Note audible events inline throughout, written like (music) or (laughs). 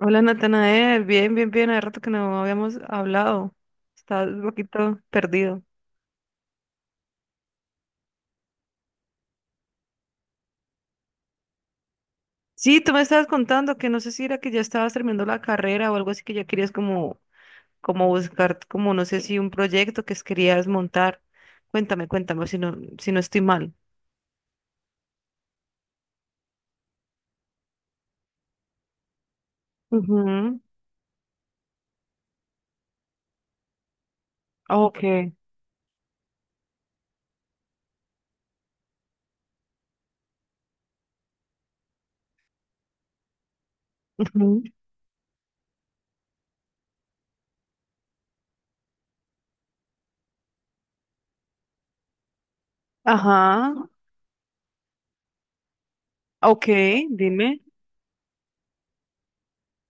Hola Natanael, bien, bien, bien, hace rato que no habíamos hablado. Estás un poquito perdido. Sí, tú me estabas contando que no sé si era que ya estabas terminando la carrera o algo así que ya querías como, como buscar, como no sé si un proyecto que querías montar. Cuéntame, cuéntame, si no estoy mal. Ujú. Ok. Ujú. Ajá. Ok, dime.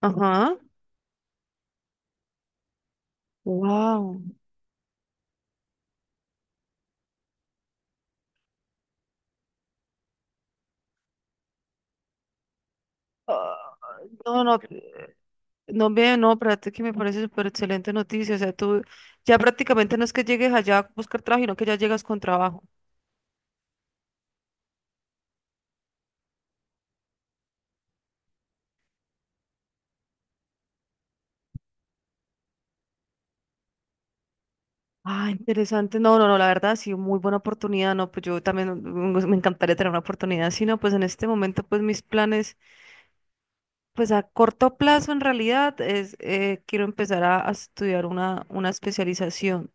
Ajá. Wow. Ah, no, no. No, bien, no, espérate que me parece súper excelente noticia. O sea, tú ya prácticamente no es que llegues allá a buscar trabajo, sino que ya llegas con trabajo. Ah, interesante. No, no, no, la verdad, sí, muy buena oportunidad. No, pues yo también me encantaría tener una oportunidad. Si no, pues en este momento, pues mis planes, pues a corto plazo en realidad es, quiero empezar a estudiar una especialización.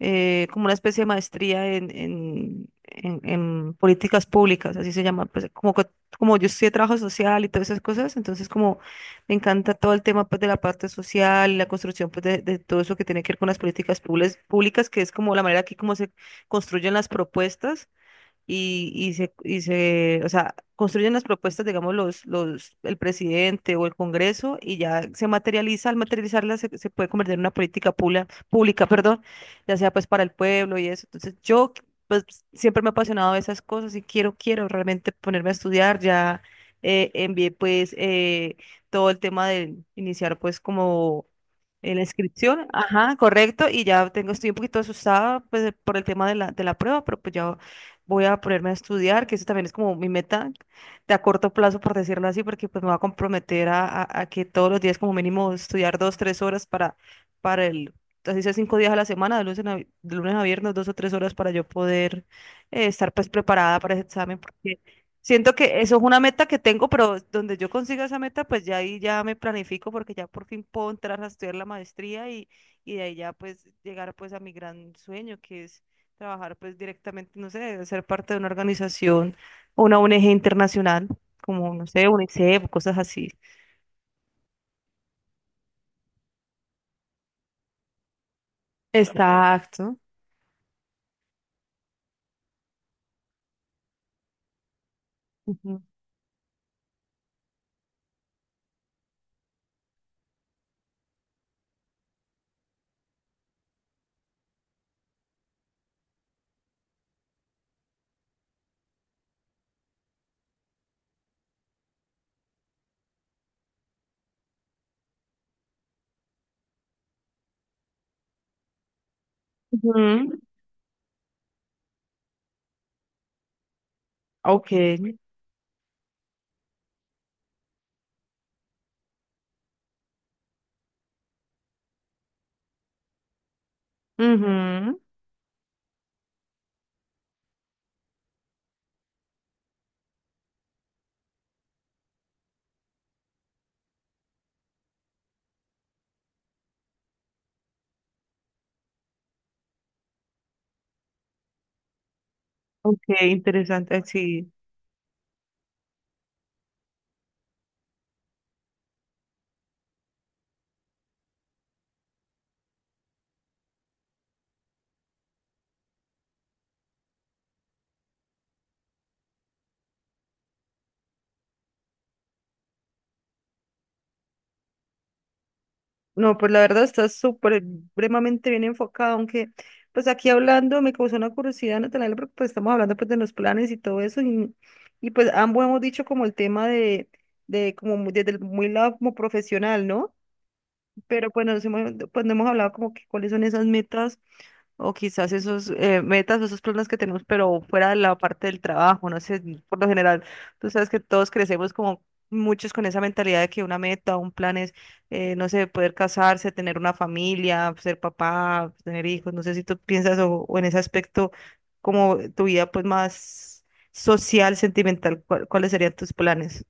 Como una especie de maestría en políticas públicas, así se llama, pues, como, como yo estudié trabajo social y todas esas cosas, entonces como me encanta todo el tema, pues, de la parte social y la construcción, pues, de todo eso que tiene que ver con las políticas públicas, que es como la manera que como se construyen las propuestas o sea, construyen las propuestas, digamos, el presidente o el Congreso, y ya se materializa. Al materializarla, se puede convertir en una política pública, (laughs) perdón, ya sea pues para el pueblo y eso. Entonces yo pues siempre me he apasionado de esas cosas y quiero realmente ponerme a estudiar. Ya envié pues todo el tema de iniciar pues como en la inscripción, ajá, correcto, y ya tengo, estoy un poquito asustada, pues, por el tema de la prueba, pero pues ya voy a ponerme a estudiar, que eso también es como mi meta de a corto plazo, por decirlo así, porque pues me va a comprometer a que todos los días como mínimo estudiar 2, 3 horas para el, así sea 5 días a la semana, de lunes a viernes, 2 o 3 horas para yo poder estar pues preparada para ese examen. Siento que eso es una meta que tengo, pero donde yo consiga esa meta, pues ya ahí ya me planifico, porque ya por fin puedo entrar a estudiar la maestría y de ahí ya pues llegar pues a mi gran sueño, que es trabajar pues directamente, no sé, ser parte de una organización, o una ONG internacional, como no sé, UNICEF, o cosas así. Exacto. Ujú. Ujú. Ok. Ujú. Ok, interesante, sí. No, pues la verdad está súper, supremamente bien enfocado, aunque pues aquí hablando me causó una curiosidad, Natalia, porque pues estamos hablando pues de los planes y todo eso, y pues ambos hemos dicho como el tema de como desde el muy lado como profesional, ¿no? Pero pues, nos hemos, pues no hemos hablado como que cuáles son esas metas o quizás esos metas o esos planes que tenemos, pero fuera de la parte del trabajo, no sé, por lo general, tú sabes que todos crecemos como muchos con esa mentalidad de que una meta, un plan es, no sé, poder casarse, tener una familia, ser papá, tener hijos. No sé si tú piensas o en ese aspecto como tu vida pues más social, sentimental. ¿Cuáles serían tus planes?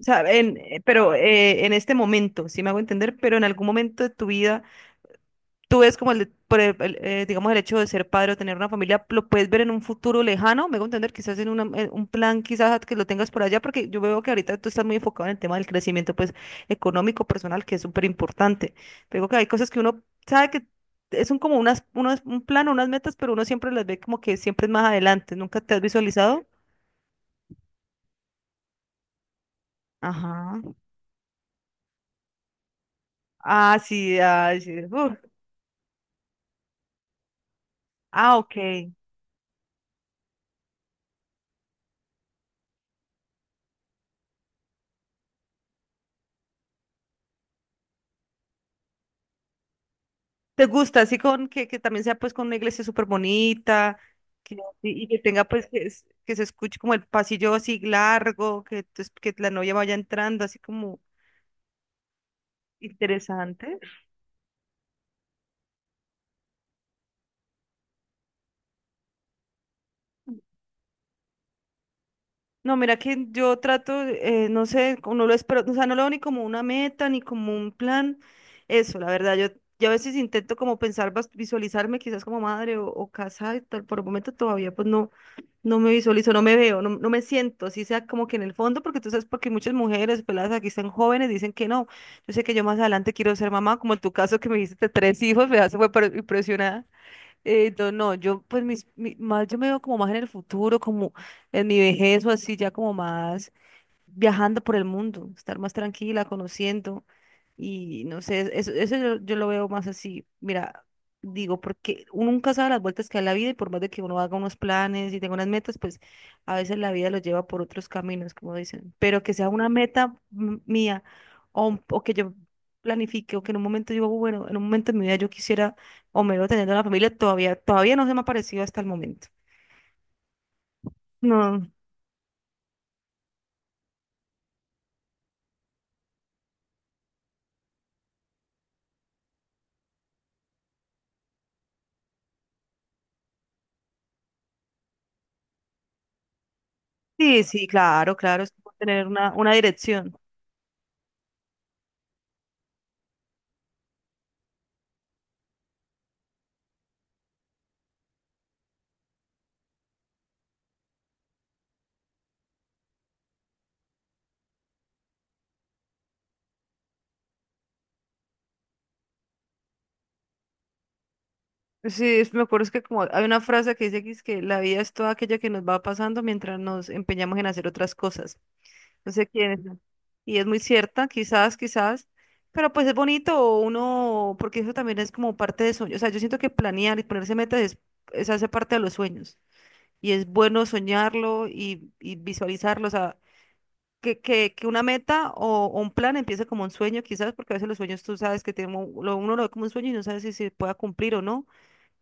O sea, en, pero en este momento, si me hago entender, pero en algún momento de tu vida tú ves como el, de- por el, digamos, el hecho de ser padre o tener una familia, lo puedes ver en un futuro lejano, me hago entender, quizás en en un plan, quizás que lo tengas por allá, porque yo veo que ahorita tú estás muy enfocado en el tema del crecimiento, pues, económico, personal, que es súper importante. Pero que hay cosas que uno sabe que es un, como unas, unos, un plan, unas metas, pero uno siempre las ve como que siempre es más adelante. ¿Nunca te has visualizado? Ajá. Ah, sí, ah, sí. Uf. Ah, ok. ¿Te gusta? Así con que también sea pues con una iglesia súper bonita que, y que tenga pues que, que se escuche como el pasillo así largo, que, que la novia vaya entrando así como interesante. No, mira que yo trato, no sé, como no lo espero, o sea, no lo veo ni como una meta, ni como un plan, eso, la verdad, yo a veces intento como pensar, visualizarme quizás como madre o casa y tal. Por el momento todavía pues no, no me visualizo, no me veo, no, no me siento, así sea como que en el fondo, porque tú sabes, porque muchas mujeres peladas aquí están jóvenes, dicen que no, yo sé que yo más adelante quiero ser mamá, como en tu caso que me dijiste tres hijos, me hace fue impresionada. No, no, yo pues mis, más yo me veo como más en el futuro, como en mi vejez o así, ya como más, viajando por el mundo, estar más tranquila, conociendo y no sé, eso yo lo veo más así, mira, digo, porque uno nunca sabe las vueltas que da la vida, y por más de que uno haga unos planes y tenga unas metas, pues a veces la vida lo lleva por otros caminos, como dicen, pero que sea una meta mía o que yo planifique o que en un momento digo, bueno, en un momento de mi vida yo quisiera o me veo teniendo una familia, todavía, todavía no se me ha parecido hasta el momento. No, sí, sí, claro, claro, es como tener una dirección. Sí, me acuerdo es que como hay una frase que dice que, es que la vida es toda aquella que nos va pasando mientras nos empeñamos en hacer otras cosas. No sé quién es. Y es muy cierta, quizás, quizás, pero pues es bonito uno, porque eso también es como parte de sueño. O sea, yo siento que planear y ponerse metas es hace parte de los sueños. Y es bueno soñarlo y visualizarlo. O sea, que una meta o un plan empiece como un sueño, quizás, porque a veces los sueños tú sabes que tiene, uno lo ve como un sueño y no sabes si se pueda cumplir o no,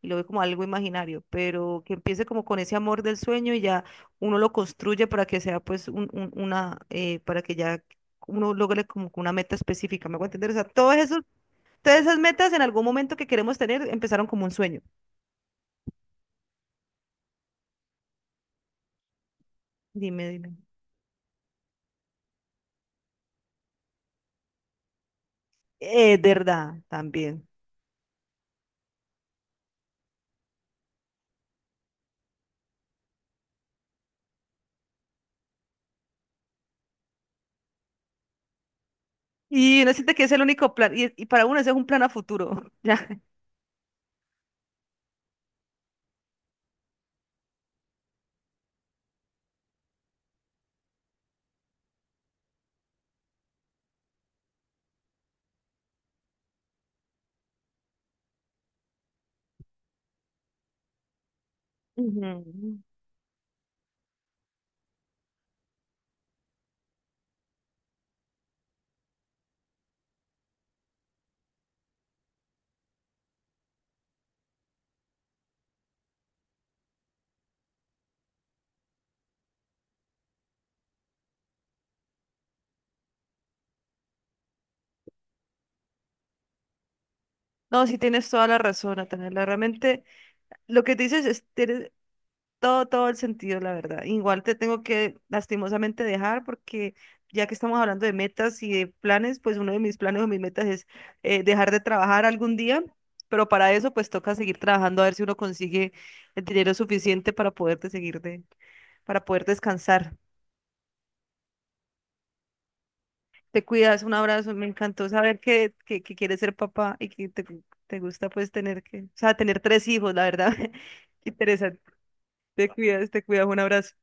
y lo ve como algo imaginario, pero que empiece como con ese amor del sueño y ya uno lo construye para que sea pues una, para que ya uno logre como que una meta específica, ¿me hago entender? O sea, todos esos, todas esas metas en algún momento que queremos tener empezaron como un sueño. Dime, dime. Es verdad, también. Y uno siente que es el único plan, y para uno ese es un plan a futuro, (laughs) ya. Ujú. No, sí tienes toda la razón, Natalia. Realmente lo que dices es, todo, todo el sentido, la verdad. Igual te tengo que lastimosamente dejar porque ya que estamos hablando de metas y de planes, pues uno de mis planes o mis metas es dejar de trabajar algún día, pero para eso pues toca seguir trabajando a ver si uno consigue el dinero suficiente para poderte seguir de, para poder descansar. Te cuidas, un abrazo, me encantó saber que quieres ser papá y que te gusta pues tener que, o sea, tener tres hijos, la verdad. (laughs) Interesante. Te cuidas, un abrazo.